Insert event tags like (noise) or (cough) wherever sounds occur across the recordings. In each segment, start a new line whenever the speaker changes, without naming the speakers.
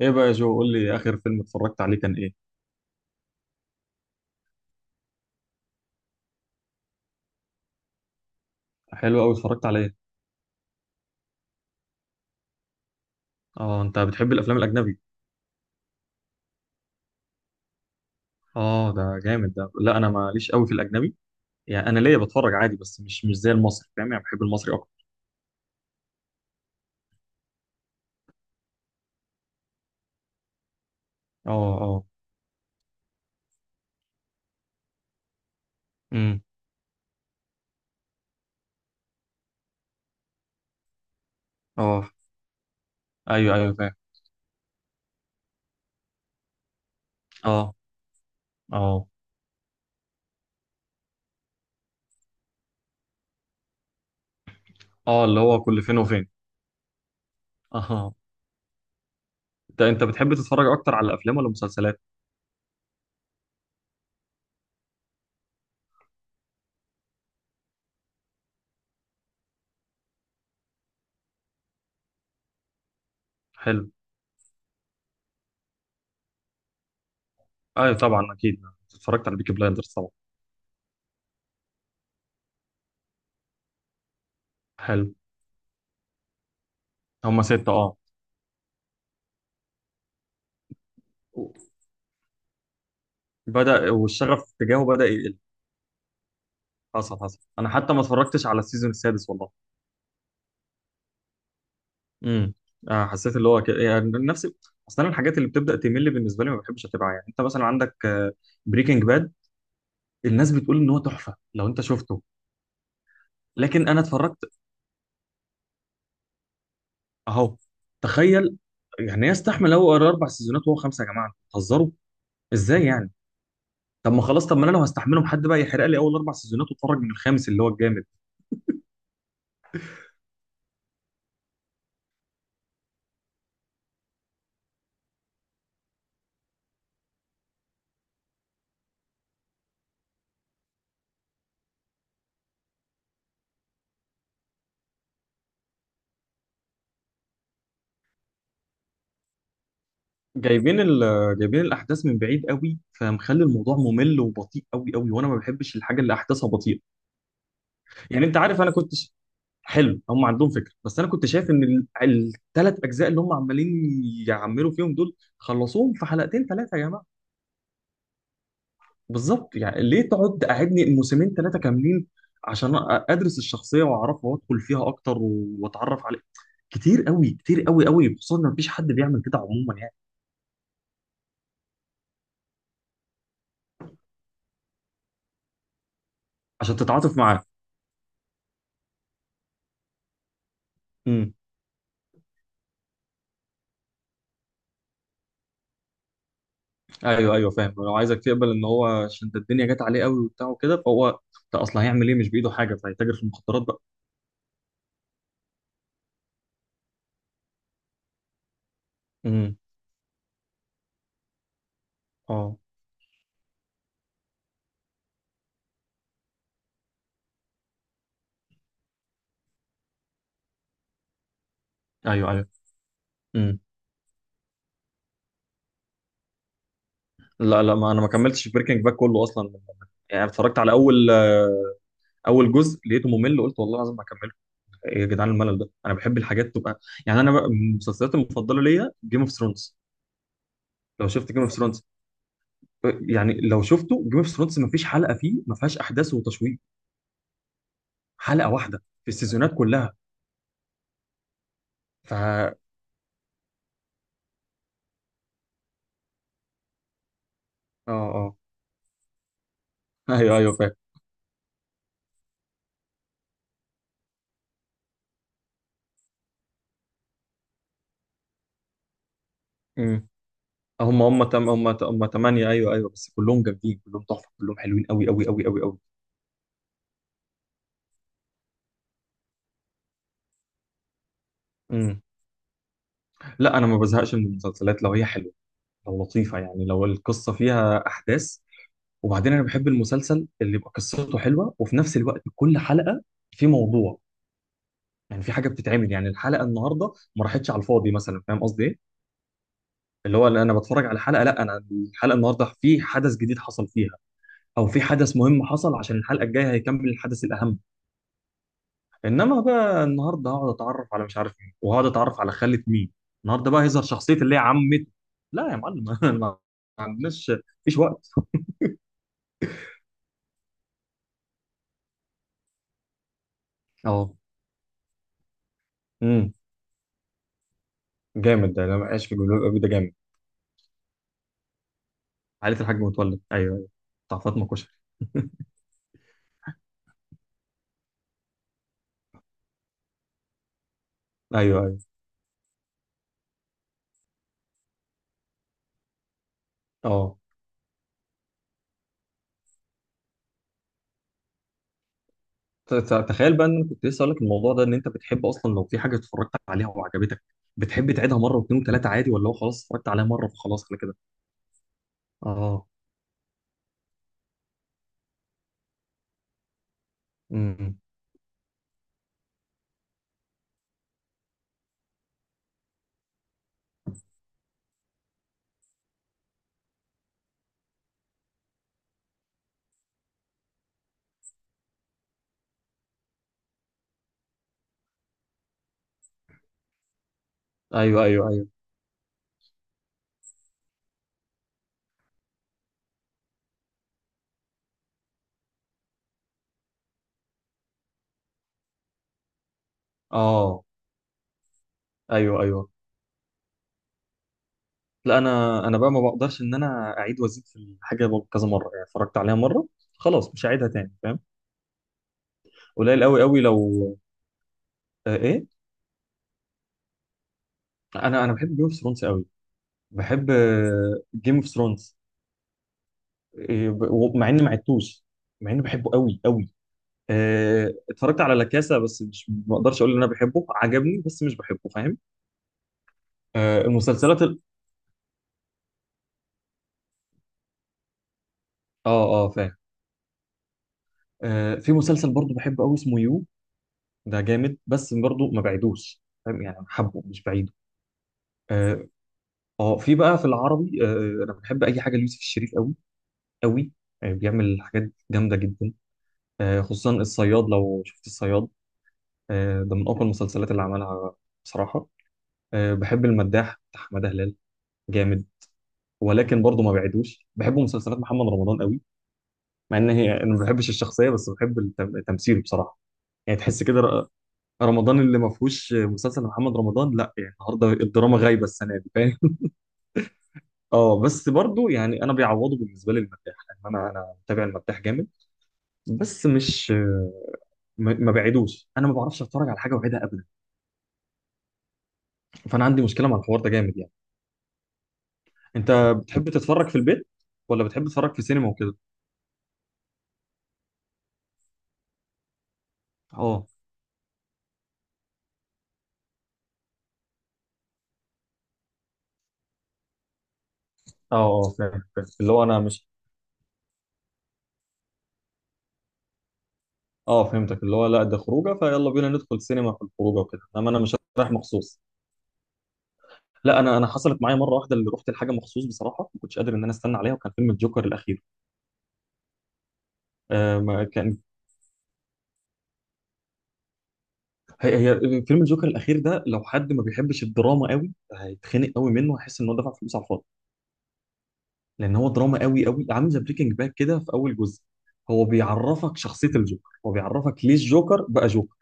ايه بقى يا جو؟ قول لي، اخر فيلم اتفرجت عليه كان ايه؟ حلو قوي. اتفرجت على ايه؟ اه، انت بتحب الافلام الاجنبي؟ اه ده جامد. ده لا، انا ماليش قوي في الاجنبي، يعني انا ليا بتفرج عادي، بس مش زي المصري، فاهم؟ يعني بحب المصري اكتر. اه، اه. امم. اه. ايوه ايوه، فاهم. اه، اه، اه، اللي هو كل فين وفين. اه، ده انت بتحب تتفرج اكتر على افلام ولا مسلسلات؟ حلو. ايوه طبعا، اكيد اتفرجت على بيكي بلايندرز طبعا. حلو. هما ستة، اه. بدأ، والشغف تجاهه بدأ يقل. حصل حصل، انا حتى ما اتفرجتش على السيزون السادس والله. امم. حسيت اللي هو كده يعني نفس. اصلا أنا الحاجات اللي بتبدا تمل بالنسبه لي ما بحبش اتابعها. يعني انت مثلا عندك بريكنج باد، الناس بتقول ان هو تحفه، لو انت شفته. لكن انا اتفرجت، اهو، تخيل. يعني يستحمل هو اربع سيزونات وهو خمسه؟ يا جماعه أنتوا بتهزروا، ازاي يعني؟ طب ما خلاص، طب ما انا لو هستحملهم، حد بقى يحرق لي اول اربع سيزونات واتفرج من الخامس اللي هو الجامد. جايبين الاحداث من بعيد قوي، فمخلي الموضوع ممل وبطيء قوي قوي، وانا ما بحبش الحاجه اللي احداثها بطيئه. يعني انت عارف انا حلو، هم عندهم فكره، بس انا كنت شايف ان الثلاث اجزاء اللي هم عمالين يعملوا فيهم دول خلصوهم في حلقتين ثلاثه يا جماعه. بالظبط، يعني ليه تقعد قاعدني موسمين ثلاثه كاملين عشان ادرس الشخصيه واعرفها وادخل فيها اكتر واتعرف عليها؟ كتير قوي، كتير قوي قوي، خصوصا ان مفيش حد بيعمل كده عموما يعني. عشان تتعاطف معاه. ايوه ايوه، فاهم. لو عايزك تقبل ان هو عشان ده الدنيا جت عليه قوي وبتاع وكده، فهو ده اصلا هيعمل ايه؟ مش بايده حاجه، فهيتاجر في المخدرات بقى. امم. اه. ايوه ايوه. امم. لا لا، ما انا ما كملتش بريكنج باك كله اصلا. يعني اتفرجت على اول جزء، لقيته ممل، قلت والله العظيم ما اكمله. ايه يا جدعان الملل ده؟ انا بحب الحاجات تبقى يعني. انا بقى المسلسلات المفضله ليا جيم اوف ثرونز. لو شفت جيم اوف ثرونز، يعني لو شفته جيم اوف ثرونز، ما فيش حلقه فيه ما فيهاش احداث وتشويق. حلقه واحده في السيزونات كلها. ف اه. اه. ايوه ايوه، فاهم. امم. هم هم تم هم هم ثمانية، ايوه ايوه. بس كلهم جامدين، كلهم تحفة، كلهم حلوين قوي قوي قوي قوي قوي. امم. لا، انا ما بزهقش من المسلسلات لو هي حلوة، لو لطيفة، يعني لو القصة فيها احداث. وبعدين انا بحب المسلسل اللي يبقى قصته حلوة وفي نفس الوقت كل حلقة في موضوع، يعني في حاجة بتتعمل، يعني الحلقة النهاردة ما راحتش على الفاضي مثلا. فاهم قصدي ايه؟ اللي هو اللي انا بتفرج على حلقة، لا انا الحلقة النهاردة في حدث جديد حصل فيها، او في حدث مهم حصل عشان الحلقة الجاية هيكمل الحدث الاهم. انما بقى النهارده هقعد اتعرف على مش عارف مين، وهقعد اتعرف على خالة مين، النهارده بقى هيظهر شخصية اللي هي عمته. لا يا معلم (laughs) ما عندناش مفيش وقت. اه. امم. جامد ده، انا ما في جمهور ابي ده جامد. عائلة الحاج متولد، ايوه ايوه. بتاع فاطمة كشري، ايوه ايوه. اه. تخيل بقى ان انا كنت لسه اقول لك الموضوع ده. ان انت بتحب اصلا لو في حاجة اتفرجت عليها وعجبتك، بتحب تعيدها مرة واثنين وثلاثة عادي، ولا هو خلاص اتفرجت عليها مرة فخلاص انا كده؟ اه. امم. ايوه ايوه ايوه. اه، ايوه ايوه. لا، انا بقى ما بقدرش ان انا اعيد وازيد في الحاجه كذا مره. يعني اتفرجت عليها مره خلاص، مش هعيدها تاني، فاهم. قليل قوي قوي. لو آه، ايه؟ انا بحب جيم اوف ثرونز قوي. بحب جيم اوف ثرونز، مع اني ما عدتوش، مع اني بحبه قوي قوي. آه، اتفرجت على لاكاسا، بس مش، ما اقدرش اقول ان انا بحبه، عجبني بس مش بحبه، فاهم. آه المسلسلات ال... اه اه، فاهم. آه، في مسلسل برضه بحبه قوي اسمه يو، ده جامد، بس برضه ما بعيدوش، فاهم؟ يعني حبه مش بعيده. آه، اه، في بقى في العربي، انا بحب اي حاجه ليوسف الشريف قوي قوي. بيعمل حاجات جامده جدا. خصوصا الصياد، لو شفت الصياد، ده من اقوى المسلسلات اللي عملها بصراحه. بحب المداح بتاع حماده هلال، جامد. ولكن برضه ما بعدوش. بحب مسلسلات محمد رمضان قوي، مع ان هي انا ما بحبش الشخصيه بس بحب التمثيل بصراحه. يعني تحس كده، رمضان اللي ما فيهوش مسلسل محمد رمضان، لا، يعني النهارده الدراما غايبه السنه دي. اه، بس برضو يعني انا بيعوضه بالنسبه لي المداح، لان انا متابع المداح جامد. بس مش، ما بعيدوش، انا ما بعرفش اتفرج على حاجه واعيدها ابدا. فانا عندي مشكله مع الحوار ده جامد يعني. انت بتحب تتفرج في البيت، ولا بتحب تتفرج في سينما وكده؟ اه، اه، اه فاهم فاهم. اللي هو انا مش، اه فهمتك، اللي هو لا ده خروجه، فيلا بينا ندخل سينما في الخروجه وكده، انما انا مش رايح مخصوص. لا، انا حصلت معايا مره واحده اللي رحت لحاجه مخصوص بصراحه، ما كنتش قادر ان انا استنى عليها، وكان فيلم الجوكر الاخير. آه ما كان، هي فيلم الجوكر الاخير ده لو حد ما بيحبش الدراما قوي هيتخنق قوي منه، هيحس ان هو دفع فلوس على الفاضي. لان هو دراما قوي قوي، عامل زي بريكنج باد كده في اول جزء. هو بيعرفك شخصيه الجوكر، هو بيعرفك ليه الجوكر بقى جوكر.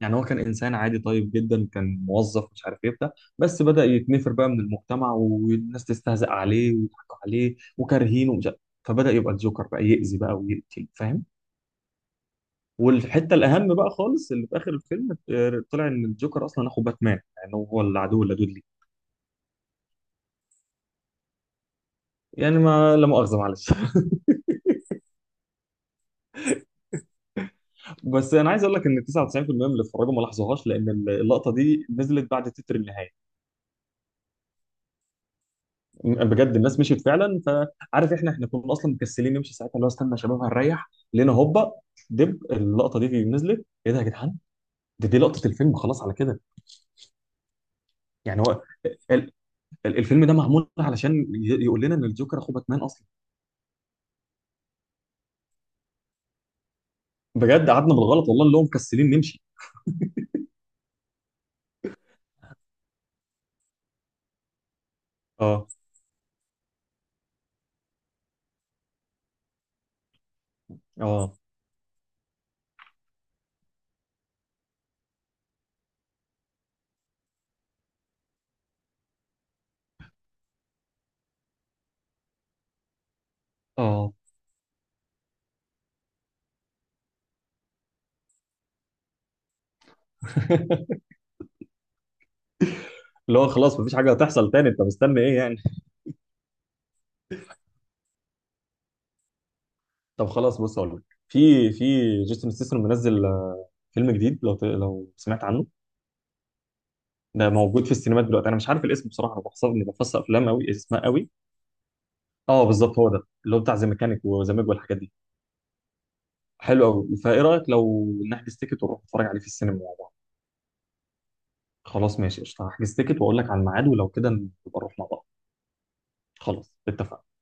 يعني هو كان انسان عادي طيب جدا، كان موظف مش عارف ايه بتاع، بس بدا يتنفر بقى من المجتمع، والناس تستهزأ عليه ويضحكوا عليه وكارهينه ومش عارف. فبدا يبقى الجوكر بقى، يأذي بقى ويقتل، فاهم. والحته الاهم بقى خالص اللي في اخر الفيلم، طلع ان الجوكر اصلا اخو باتمان، يعني هو العدو اللدود ليه. يعني ما لا مؤاخذه معلش (laughs) بس انا عايز اقول لك ان 99% من اللي اتفرجوا ما لاحظوهاش، لان اللقطه دي نزلت بعد تتر النهايه. بجد الناس مشيت فعلا، فعارف احنا كنا اصلا مكسلين نمشي ساعتها، اللي هو استنى يا شباب هنريح، لقينا هوبا دب اللقطه دي نزلت. ايه ده يا جدعان؟ دي لقطه الفيلم خلاص على كده. يعني هو ال- الفيلم ده معمول علشان يقول لنا ان الجوكر اخو باتمان اصلا. بجد قعدنا بالغلط والله، اللي هو مكسلين نمشي. اه، اه، اه (laughs) اللي هو خلاص مفيش حاجه هتحصل تاني، انت مستني ايه يعني؟ طب خلاص، بص اقول لك، في جيسون ستاثام منزل فيلم جديد، لو لو سمعت عنه. ده موجود في السينمات دلوقتي، انا مش عارف الاسم بصراحه، انا بحفظ، اني بحفظ افلام قوي اسمها قوي. اه بالظبط، هو ده اللي هو بتاع ذا ميكانيك وذا ميج والحاجات دي. حلو قوي، فايه رايك لو نحجز تيكت ونروح نتفرج عليه في السينما مع بعض؟ خلاص ماشي قشطه، هحجز تيكت واقول لك على الميعاد، ولو كده نبقى نروح مع بعض. خلاص اتفقنا.